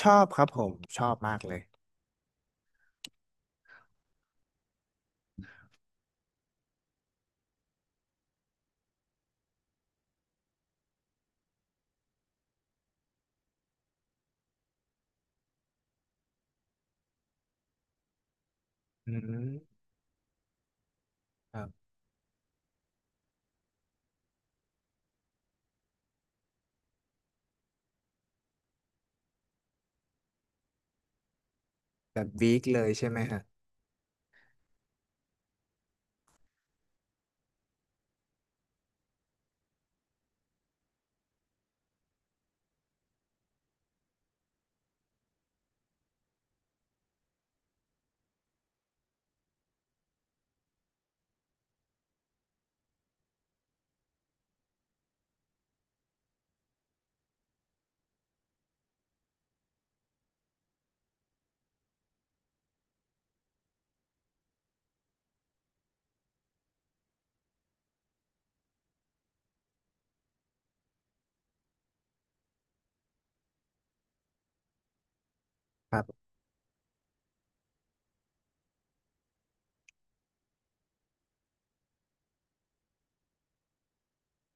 ชอบครับผมชอบมากเลยอืมครับแบบวีคเลยใช่ไหมฮะครับ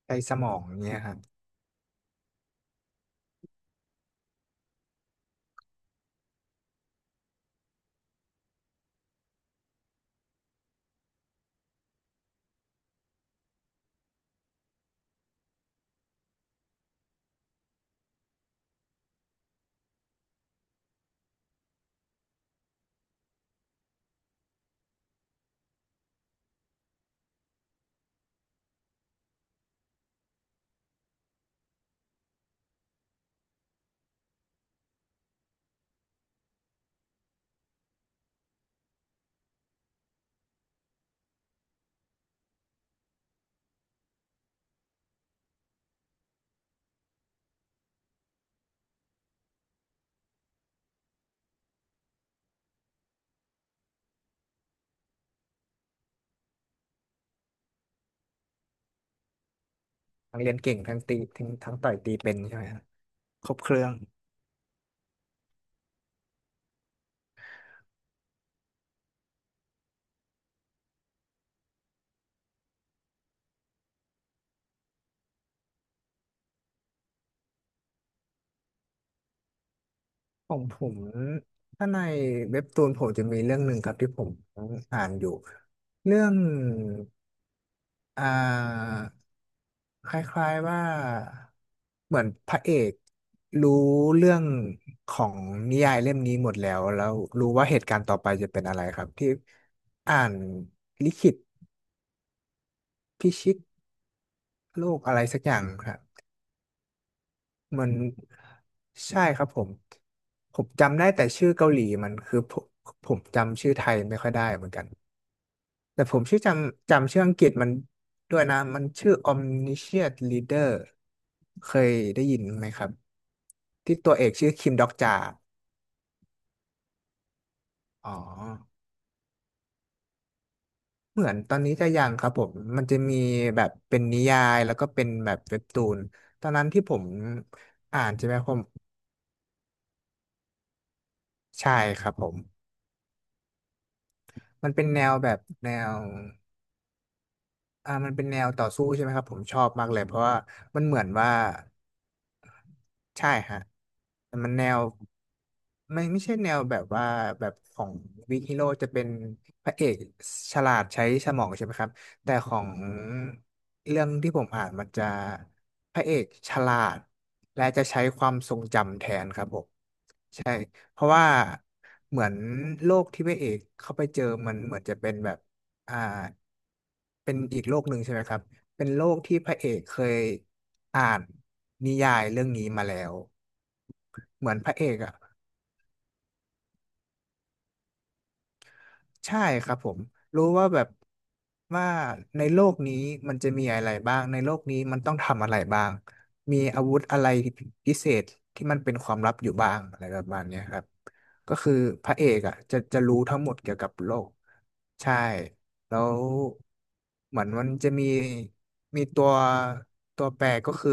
ใช้สมองเนี่ยฮะทั้งเรียนเก่งทั้งตีทั้งต่อยตีเป็นใช่ไหมฮะครบเครื่อง ของผมถ้าในเว็บตูนผมจะมีเรื่องหนึ่งครับที่ผมอ่านอยู่เรื่องอ่าคล้ายๆว่าเหมือนพระเอกรู้เรื่องของนิยายเล่มนี้หมดแล้วรู้ว่าเหตุการณ์ต่อไปจะเป็นอะไรครับที่อ่านลิขิตพิชิตโลกอะไรสักอย่างครับ เหมือนใช่ครับผมจำได้แต่ชื่อเกาหลีมันคือผมจำชื่อไทยไม่ค่อยได้เหมือนกันแต่ผมชื่อจำชื่ออังกฤษมันด้วยนะมันชื่อ Omniscient Leader เคยได้ยินไหมครับที่ตัวเอกชื่อคิมด็อกจาอ๋อเหมือนตอนนี้จะยังครับผมมันจะมีแบบเป็นนิยายแล้วก็เป็นแบบเว็บตูนตอนนั้นที่ผมอ่านใช่ไหมผมใช่ครับผมมันเป็นแนวแบบแนว มันเป็นแนวต่อสู้ใช่ไหมครับผมชอบมากเลยเพราะว่ามันเหมือนว่าใช่ฮะแต่มันแนวไม่ใช่แนวแบบว่าแบบของวิกฮีโร่จะเป็นพระเอกฉลาดใช้สมองใช่ไหมครับแต่ของเรื่องที่ผมอ่านมันจะพระเอกฉลาดและจะใช้ความทรงจำแทนครับผม ใช่เพราะว่าเหมือนโลกที่พระเอกเข้าไปเจอมันเหมือนจะเป็นแบบอ่าเป็นอีกโลกหนึ่งใช่ไหมครับเป็นโลกที่พระเอกเคยอ่านนิยายเรื่องนี้มาแล้วเหมือนพระเอกอ่ะ ใช่ครับผมรู้ว่าแบบว่าในโลกนี้มันจะมีอะไรบ้างในโลกนี้มันต้องทำอะไรบ้างมีอาวุธอะไรพิเศษที่มันเป็นความลับอยู่บ้างอะไรประมาณเนี้ยครับก็คือพระเอกอ่ะจะรู้ทั้งหมดเกี่ยวกับโลกใช่แล้วเหมือนมันจะมีตัวแปรก็คือ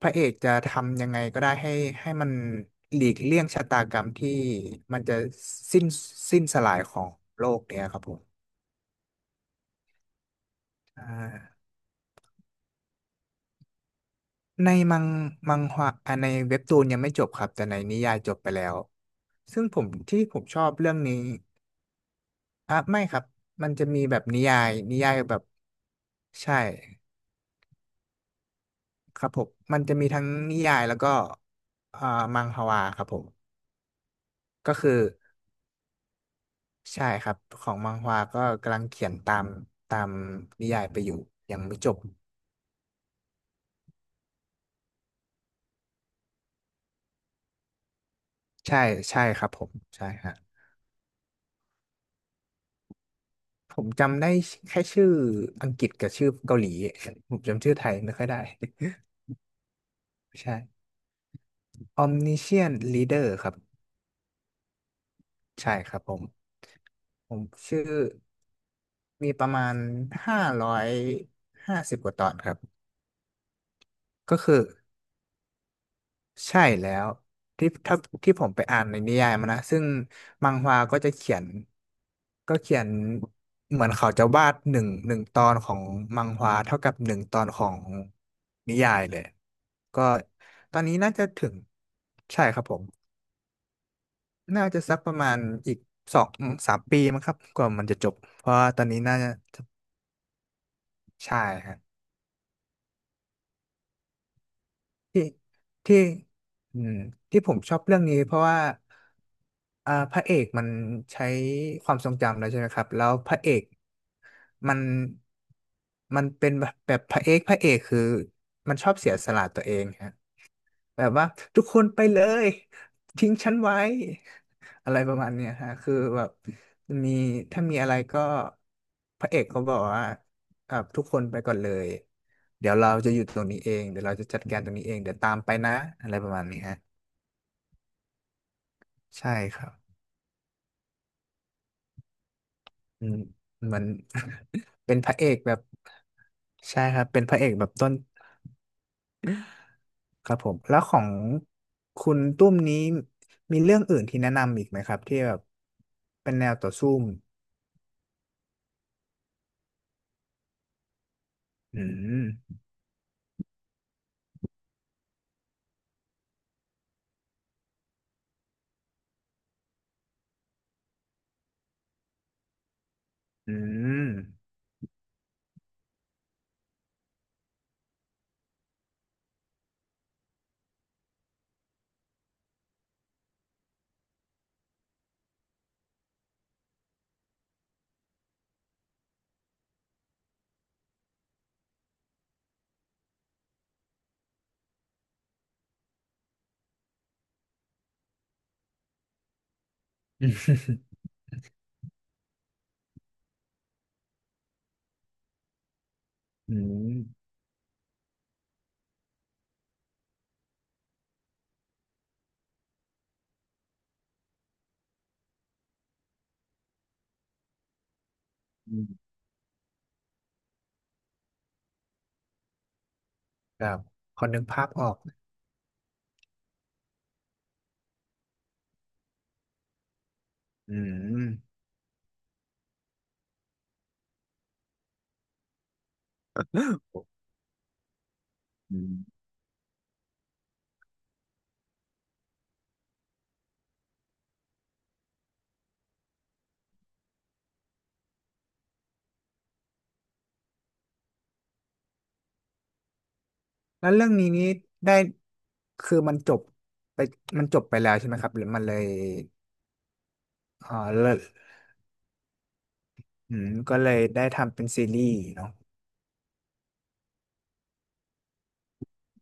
พระเอกจะทำยังไงก็ได้ให้มันหลีกเลี่ยงชะตากรรมที่มันจะสิ้นสิ้นสลายของโลกเนี่ยครับผมอ่าในมังฮวาในเว็บตูนยังไม่จบครับแต่ในนิยายจบไปแล้วซึ่งผมที่ผมชอบเรื่องนี้อ่ะไม่ครับมันจะมีแบบนิยายแบบใช่ครับผมมันจะมีทั้งนิยายแล้วก็อ่ามังฮวาครับผมก็คือ ใช่ครับของมังฮวาก็กำลังเขียนตามนิยายไปอยู่ยังไม่จบใช่ใช่ครับผมใช่ฮะผมจำได้แค่ชื่ออังกฤษกับชื่อเกาหลีผมจำชื่อไทยไม่ค่อยได้ ใช่ Omniscient Reader ครับใช่ครับผมชื่อมีประมาณ550กว่าตอนครับก็คือ ใช่แล้วที่ถ้าที่ผมไปอ่านในนิยายมานะซึ่งมังฮวาก็จะเขียนเหมือนเขาจะวาดหนึ่งตอนของมังฮวาเท่ากับหนึ่งตอนของนิยายเลยก็ตอนนี้น่าจะถึงใช่ครับผมน่าจะสักประมาณอีกสองสามปีมั้งครับกว่ามันจะจบเพราะว่าตอนนี้น่าจะใช่ครับ ที่ที่อืมที่ผมชอบเรื่องนี้เพราะว่าพระเอกมันใช้ความทรงจำแล้วใช่ไหมครับแล้วพระเอกมันมันเป็นแบบพระเอกคือมันชอบเสียสละตัวเองฮะ แบบว่าทุกคนไปเลยทิ้งฉันไว้อะไรประมาณเนี้ยฮะคือแบบมีถ้ามีอะไรก็พระเอกเขาบอกว่าอ่ะทุกคนไปก่อนเลยเดี๋ยวเราจะอยู่ตรงนี้เองเดี๋ยวเราจะจัดการตรงนี้เองเดี๋ยวตามไปนะอะไรประมาณนี้ฮะใช่ครับอืมเหมือน เป็นพระเอกแบบใช่ครับเป็นพระเอกแบบต้นครับผมแล้วของคุณตุ้มนี้มีเรื่องอื่นที่แนะนำอีกไหมครับที่แบบเป็นแนวต่อสู้ อืมอืมอืมอืมอืมครับพอนึกภาพออกอืมอืมแล้วเรื่องนี้ได้คือมันจบไปมันจบไปแล้วใช่ไหมครับหรือมันเลยเอ่อเลิกก็เลยได้ทำเป็นซีรีส์เนาะ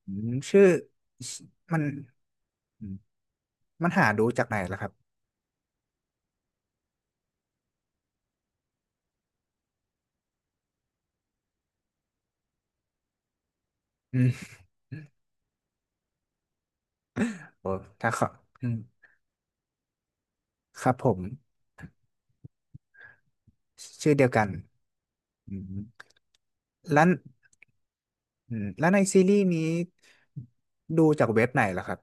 ชื่อมันอืมมันหาดูจากไหนล่ะครับอืมโอ้ถ้าเขาอืมครับผม ชื่อเดียวกันอืมแล้ว แล้วในซีรีส์นี้ดูจากเว็บไหนล่ะครับ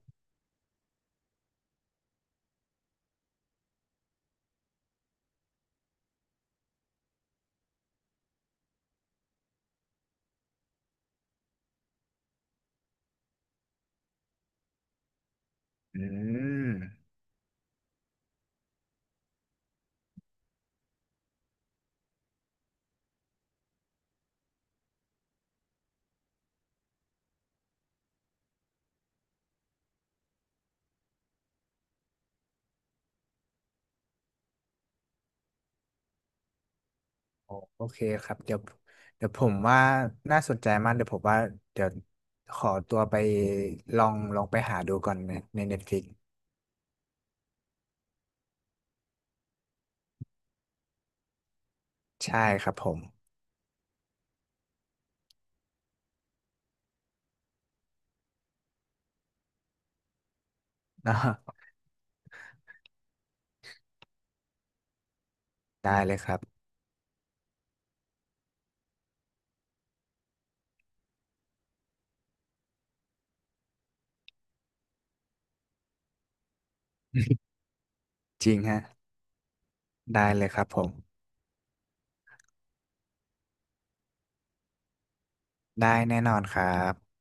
อืมโอโอเคครับเดี๋ยวผมว่าน่าสนใจมากเดี๋ยวผมว่าเดี๋ยวขอตัวไปลองไปหาดูก่อนใน Netflix ใช่ครับผม นะได้เลยครับ จริงฮะ ได้เลยครับผม ได้แน่นอนครับ